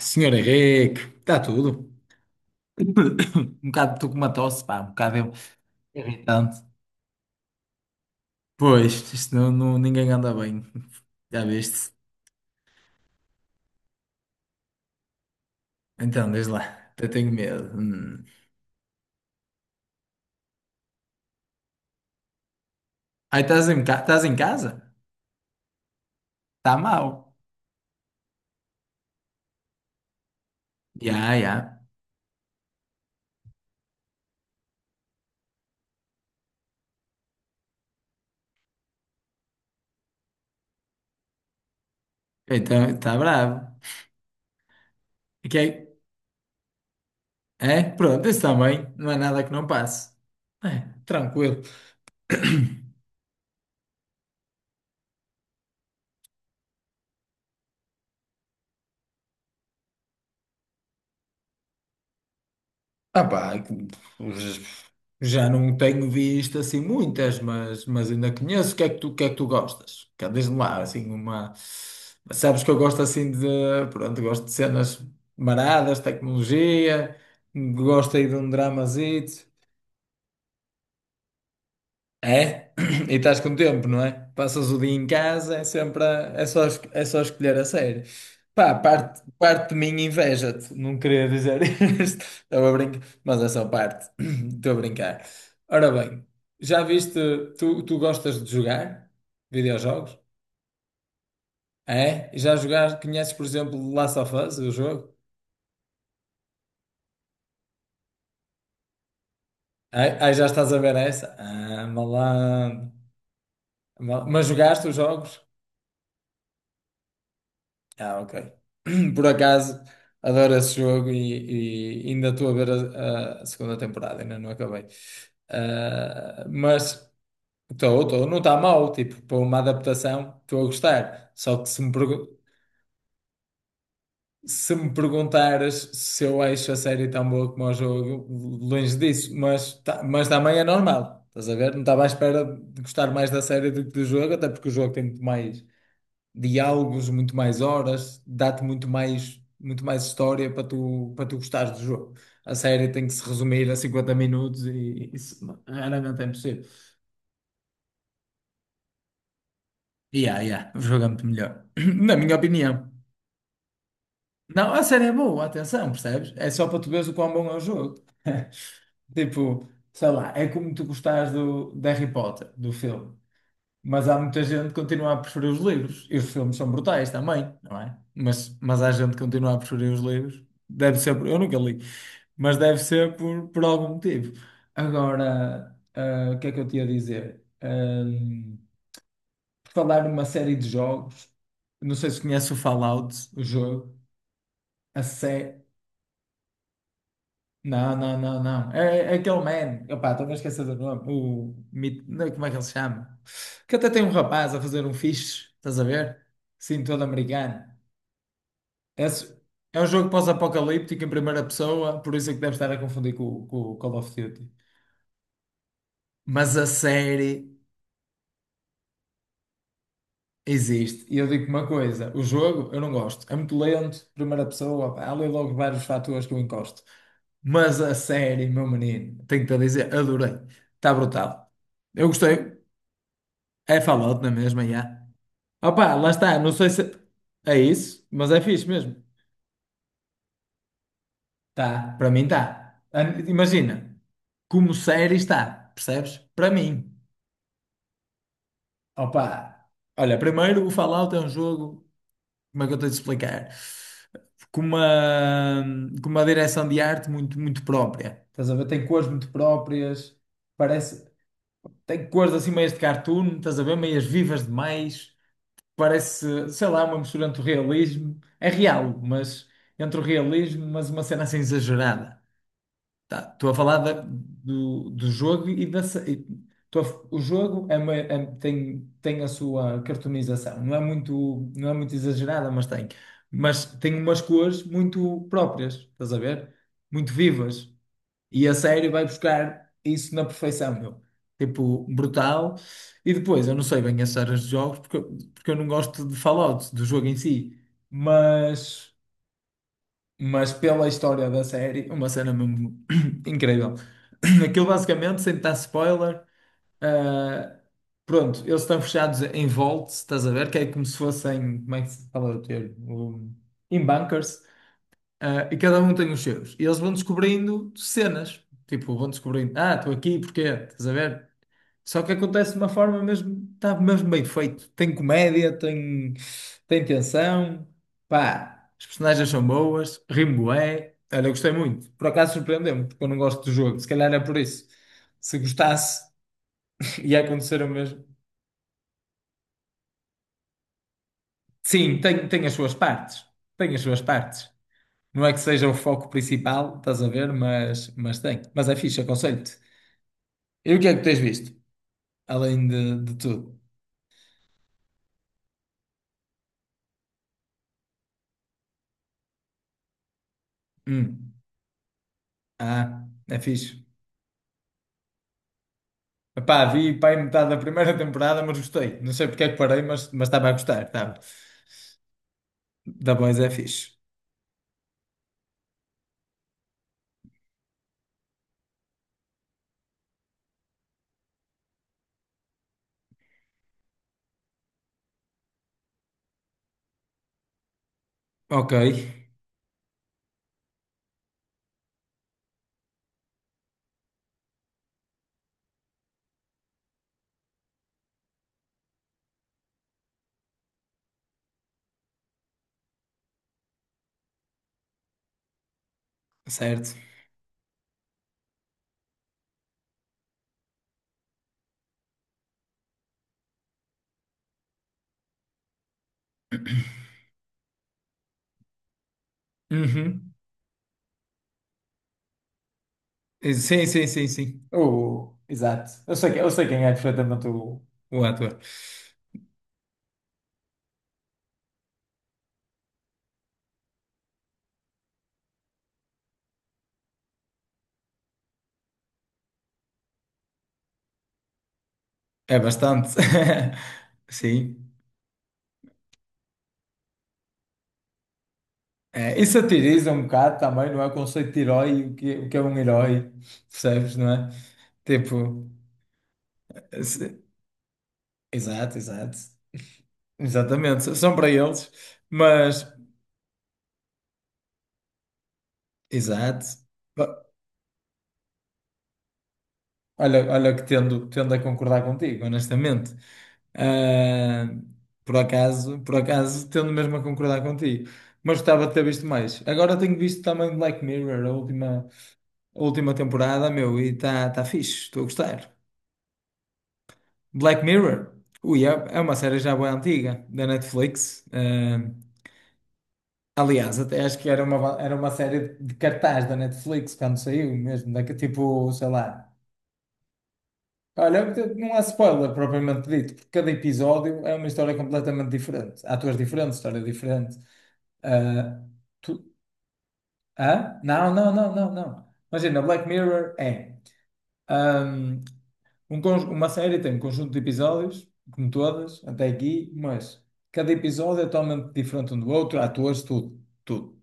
Senhor Henrique, está tudo. Um bocado estou com uma tosse, pá, um bocado irritante. Pois, isto não, ninguém anda bem. Já viste? Então, desde lá, até tenho medo. Hum. Aí estás em casa? Está mal. Já, já. Então, está bravo. Ok? É? É? Pronto, isso também. Não é nada que não passe. É, tranquilo. Ah, pá, já não tenho visto assim muitas, mas ainda conheço. O que é que tu gostas? Diz-me lá, assim, uma. Sabes que eu gosto assim de. Pronto, gosto de cenas maradas, tecnologia, gosto aí de um dramazito. É? E estás com tempo, não é? Passas o dia em casa, é sempre é só, é só escolher a série. Pá, parte de mim inveja-te. Não queria dizer isto. Estava a brincar, mas é só parte. Estou a brincar. Ora bem, já viste, tu gostas de jogar videojogos? É? Já jogaste, conheces, por exemplo, Last of Us, o jogo? É? Aí já estás a ver essa? Ah, malandro. Mas jogaste os jogos? Ah, ok. Por acaso, adoro esse jogo e ainda estou a ver a segunda temporada, ainda não acabei. Ah, mas estou, não está mal, tipo, para uma adaptação, estou a gostar. Só que se me perguntares se eu acho a série tão boa como o jogo, longe disso, mas, tá, mas também é normal. Estás a ver? Não estava à espera de gostar mais da série do que do jogo, até porque o jogo tem muito mais diálogos, muito mais horas, dá-te muito mais história para tu gostares do jogo. A série tem que se resumir a 50 minutos e isso raramente é possível. Yeah, yeah, o jogo é muito melhor, na minha opinião. Não, a série é boa, atenção, percebes? É só para tu veres o quão bom é o jogo. Tipo, sei lá, é como tu gostares do, de Harry Potter, do filme. Mas há muita gente que continua a preferir os livros. E os filmes são brutais também, não é? Mas há gente que continua a preferir os livros. Deve ser por. Eu nunca li. Mas deve ser por algum motivo. Agora, o que é que eu te ia dizer? Por falar numa série de jogos. Não sei se conhece o Fallout, o jogo. Não, não, não, não. É aquele man. Opá, estou a esquecer do nome. Não, é, como é que ele se chama? Que até tem um rapaz a fazer um fixe, estás a ver? Sim, todo americano. Esse- é um jogo pós-apocalíptico em primeira pessoa, por isso é que deve estar a confundir com o Call of Duty. Mas a série existe. E eu digo uma coisa: o jogo eu não gosto. É muito lento, primeira pessoa. Pá, há ali logo vários fatores que eu encosto. Mas a série, meu menino, tenho-te a dizer, adorei. Está brutal. Eu gostei. É Fallout na mesma, já. Opa, lá está, não sei se é isso, mas é fixe mesmo. Tá, para mim tá. Imagina, como série está, percebes? Para mim. Opa, olha, primeiro o Fallout é um jogo, como é que eu tenho de explicar? Com uma, com uma direção de arte muito, muito própria. Estás a ver? Tem cores muito próprias, parece. Tem cores assim meias de cartoon, estás a ver? Meias vivas demais. Parece, sei lá, uma mistura entre o realismo, é real, mas entre o realismo, mas uma cena assim exagerada. Tá, estou a falar do jogo e o jogo é tem a sua cartonização, não é muito, não é muito exagerada, mas tem. Mas tem umas cores muito próprias, estás a ver? Muito vivas. E a série vai buscar isso na perfeição, meu. Tipo, brutal. E depois, eu não sei bem as séries de jogos porque, porque eu não gosto de Fallout, do jogo em si. Mas, mas pela história da série, uma cena mesmo incrível. Aquilo basicamente, sem dar spoiler, ah, pronto, eles estão fechados em vaults, estás a ver? Que é como se fossem, como é que se fala o termo? Em bunkers. Ah, e cada um tem os seus. E eles vão descobrindo cenas. Tipo, vão descobrindo, ah, estou aqui, porquê? Estás a ver? Só que acontece de uma forma mesmo, está mesmo bem feito. Tem comédia, tem tensão, pá, as personagens são boas, rimo é olha, eu gostei muito. Por acaso surpreendeu-me, porque eu não gosto do jogo. Se calhar é por isso. Se gostasse, ia acontecer o mesmo. Sim, tem as suas partes. Tem as suas partes. Não é que seja o foco principal, estás a ver? Mas tem. Mas é fixe, aconselho-te. E o que é que tens visto? Além de tudo. Hum. Ah, é fixe. Epá, vi pá, em metade da primeira temporada, mas gostei. Não sei porque é que parei, mas estava a gostar. Estava. Da Boys é fixe. Ok, certo. Uhum. Sim, sim, sim, sim. Oh, exato. Eu sei quem é perfeitamente o, ator. É bastante. Sim. É, e satiriza um bocado também, não é? O conceito de herói, o que é um herói, percebes, não é? Tipo. Exato, exato. Exatamente, são para eles, mas exato. Ba- Olha, olha que tendo a concordar contigo, honestamente. Ah, por acaso, tendo mesmo a concordar contigo. Mas gostava de ter visto mais. Agora tenho visto também Black Mirror, a última temporada, meu, e está tá tá fixe, estou a gostar. Black Mirror, ui, é uma série já bem antiga, da Netflix. Ah, aliás, até acho que era uma série de cartaz da Netflix quando saiu mesmo, daqui tipo, sei lá. Olha, não há spoiler propriamente dito, porque cada episódio é uma história completamente diferente. Atores diferentes, história diferente. Ah, tu. Hã? Não, não, não, não, não. Imagina, Black Mirror é ahm, uma série tem um conjunto de episódios, como todas, até aqui, mas cada episódio é totalmente diferente um do outro, atores, tudo, tudo.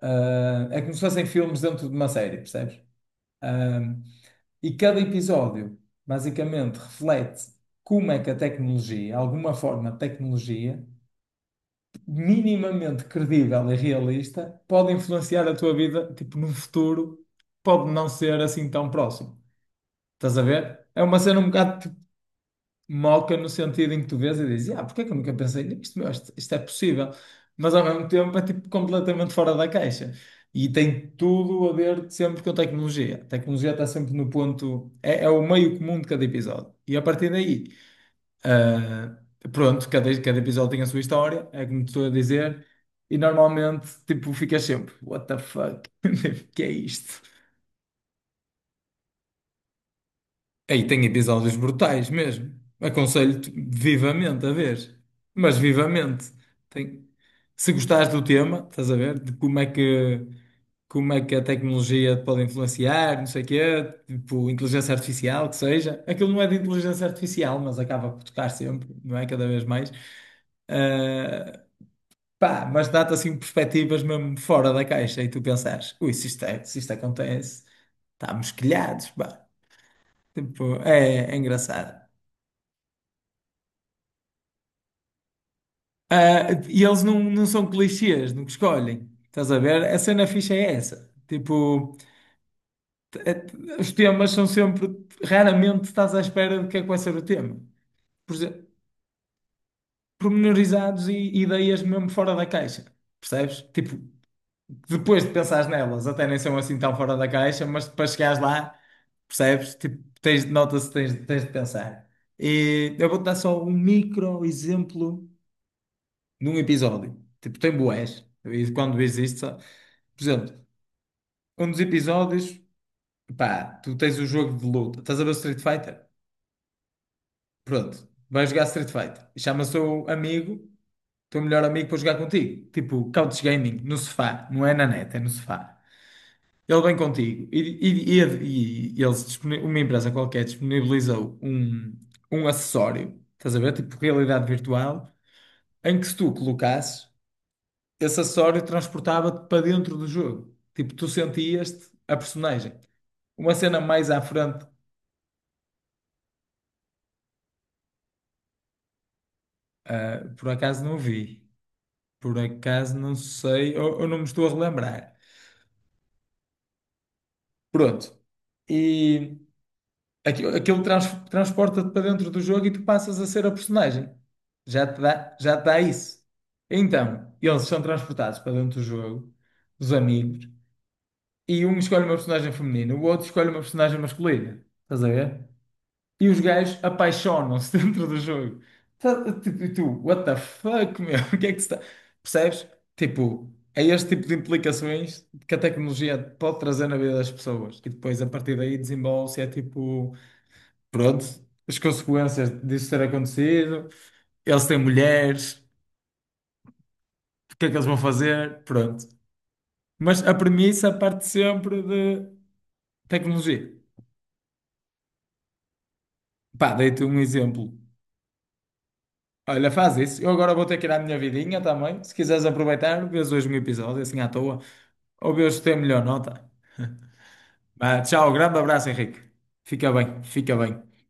Ah, é como se fossem filmes dentro de uma série, percebes? Ah, e cada episódio basicamente reflete como é que a tecnologia, alguma forma de tecnologia, minimamente credível e realista, pode influenciar a tua vida, tipo, num futuro, pode não ser assim tão próximo. Estás a ver? É uma cena um bocado moca no sentido em que tu vês e dizes, ah, porque é que eu nunca pensei nisto? Meu, isto é possível. Mas ao mesmo tempo é tipo completamente fora da caixa. E tem tudo a ver sempre com tecnologia. A tecnologia está sempre no ponto. É o meio comum de cada episódio. E a partir daí, ah, pronto, cada episódio tem a sua história, é como te estou a dizer. E normalmente, tipo, ficas sempre, what the fuck? O que é isto? Aí tem episódios brutais mesmo. Aconselho-te vivamente a ver. Mas vivamente. Tem. Se gostares do tema, estás a ver? De como é que a tecnologia pode influenciar, não sei o quê, tipo inteligência artificial, que seja. Aquilo não é de inteligência artificial, mas acaba por tocar sempre, não é? Cada vez mais. Ah, pá, mas dá-te assim perspectivas mesmo fora da caixa e tu pensares, ui, se isto acontece, estamos quilhados, pá. Tipo, é engraçado. Ah, e eles não são clichês no que escolhem. Estás a ver? A cena ficha é essa. Tipo, é- os temas são sempre. Raramente estás à espera de que é que vai ser o tema. Por exemplo, pormenorizados e ideias mesmo fora da caixa. Percebes? Tipo, depois de pensares nelas, até nem são assim tão fora da caixa, mas para chegares lá, percebes? Tipo, tens, nota-se, tens de pensar. E eu vou-te dar só um micro exemplo num episódio. Tipo, tem bués. E quando existe, sabe? Por exemplo, um dos episódios, pá, tu tens o jogo de luta, estás a ver o Street Fighter? Pronto, vais jogar Street Fighter. E chama o seu amigo, teu melhor amigo, para jogar contigo. Tipo, couch gaming, no sofá, não é na net, é no sofá. Ele vem contigo e eles, uma empresa qualquer disponibilizou um acessório, estás a ver? Tipo, realidade virtual, em que se tu colocasses, esse acessório transportava-te para dentro do jogo. Tipo, tu sentias-te a personagem. Uma cena mais à frente, por acaso não vi. Por acaso não sei, ou não me estou a relembrar. Pronto. E aquilo transporta-te para dentro do jogo e tu passas a ser a personagem. Já te dá isso. Então, eles são transportados para dentro do jogo, os amigos, e um escolhe uma personagem feminina, o outro escolhe uma personagem masculina. Estás a ver? E os gajos apaixonam-se dentro do jogo. Tipo, e tu, what the fuck, meu? O que é que se está. Percebes? Tipo, é este tipo de implicações que a tecnologia pode trazer na vida das pessoas. E depois, a partir daí, desenvolve-se. É tipo, pronto, as consequências disso ter acontecido. Eles têm mulheres, o que é que eles vão fazer? Pronto. Mas a premissa parte sempre de tecnologia. Pá, dei-te um exemplo. Olha, faz isso. Eu agora vou ter que ir à minha vidinha também. Se quiseres aproveitar, vês hoje um episódio assim à toa. Ou vês se tem melhor nota. Vá, tchau, grande abraço, Henrique. Fica bem, fica bem.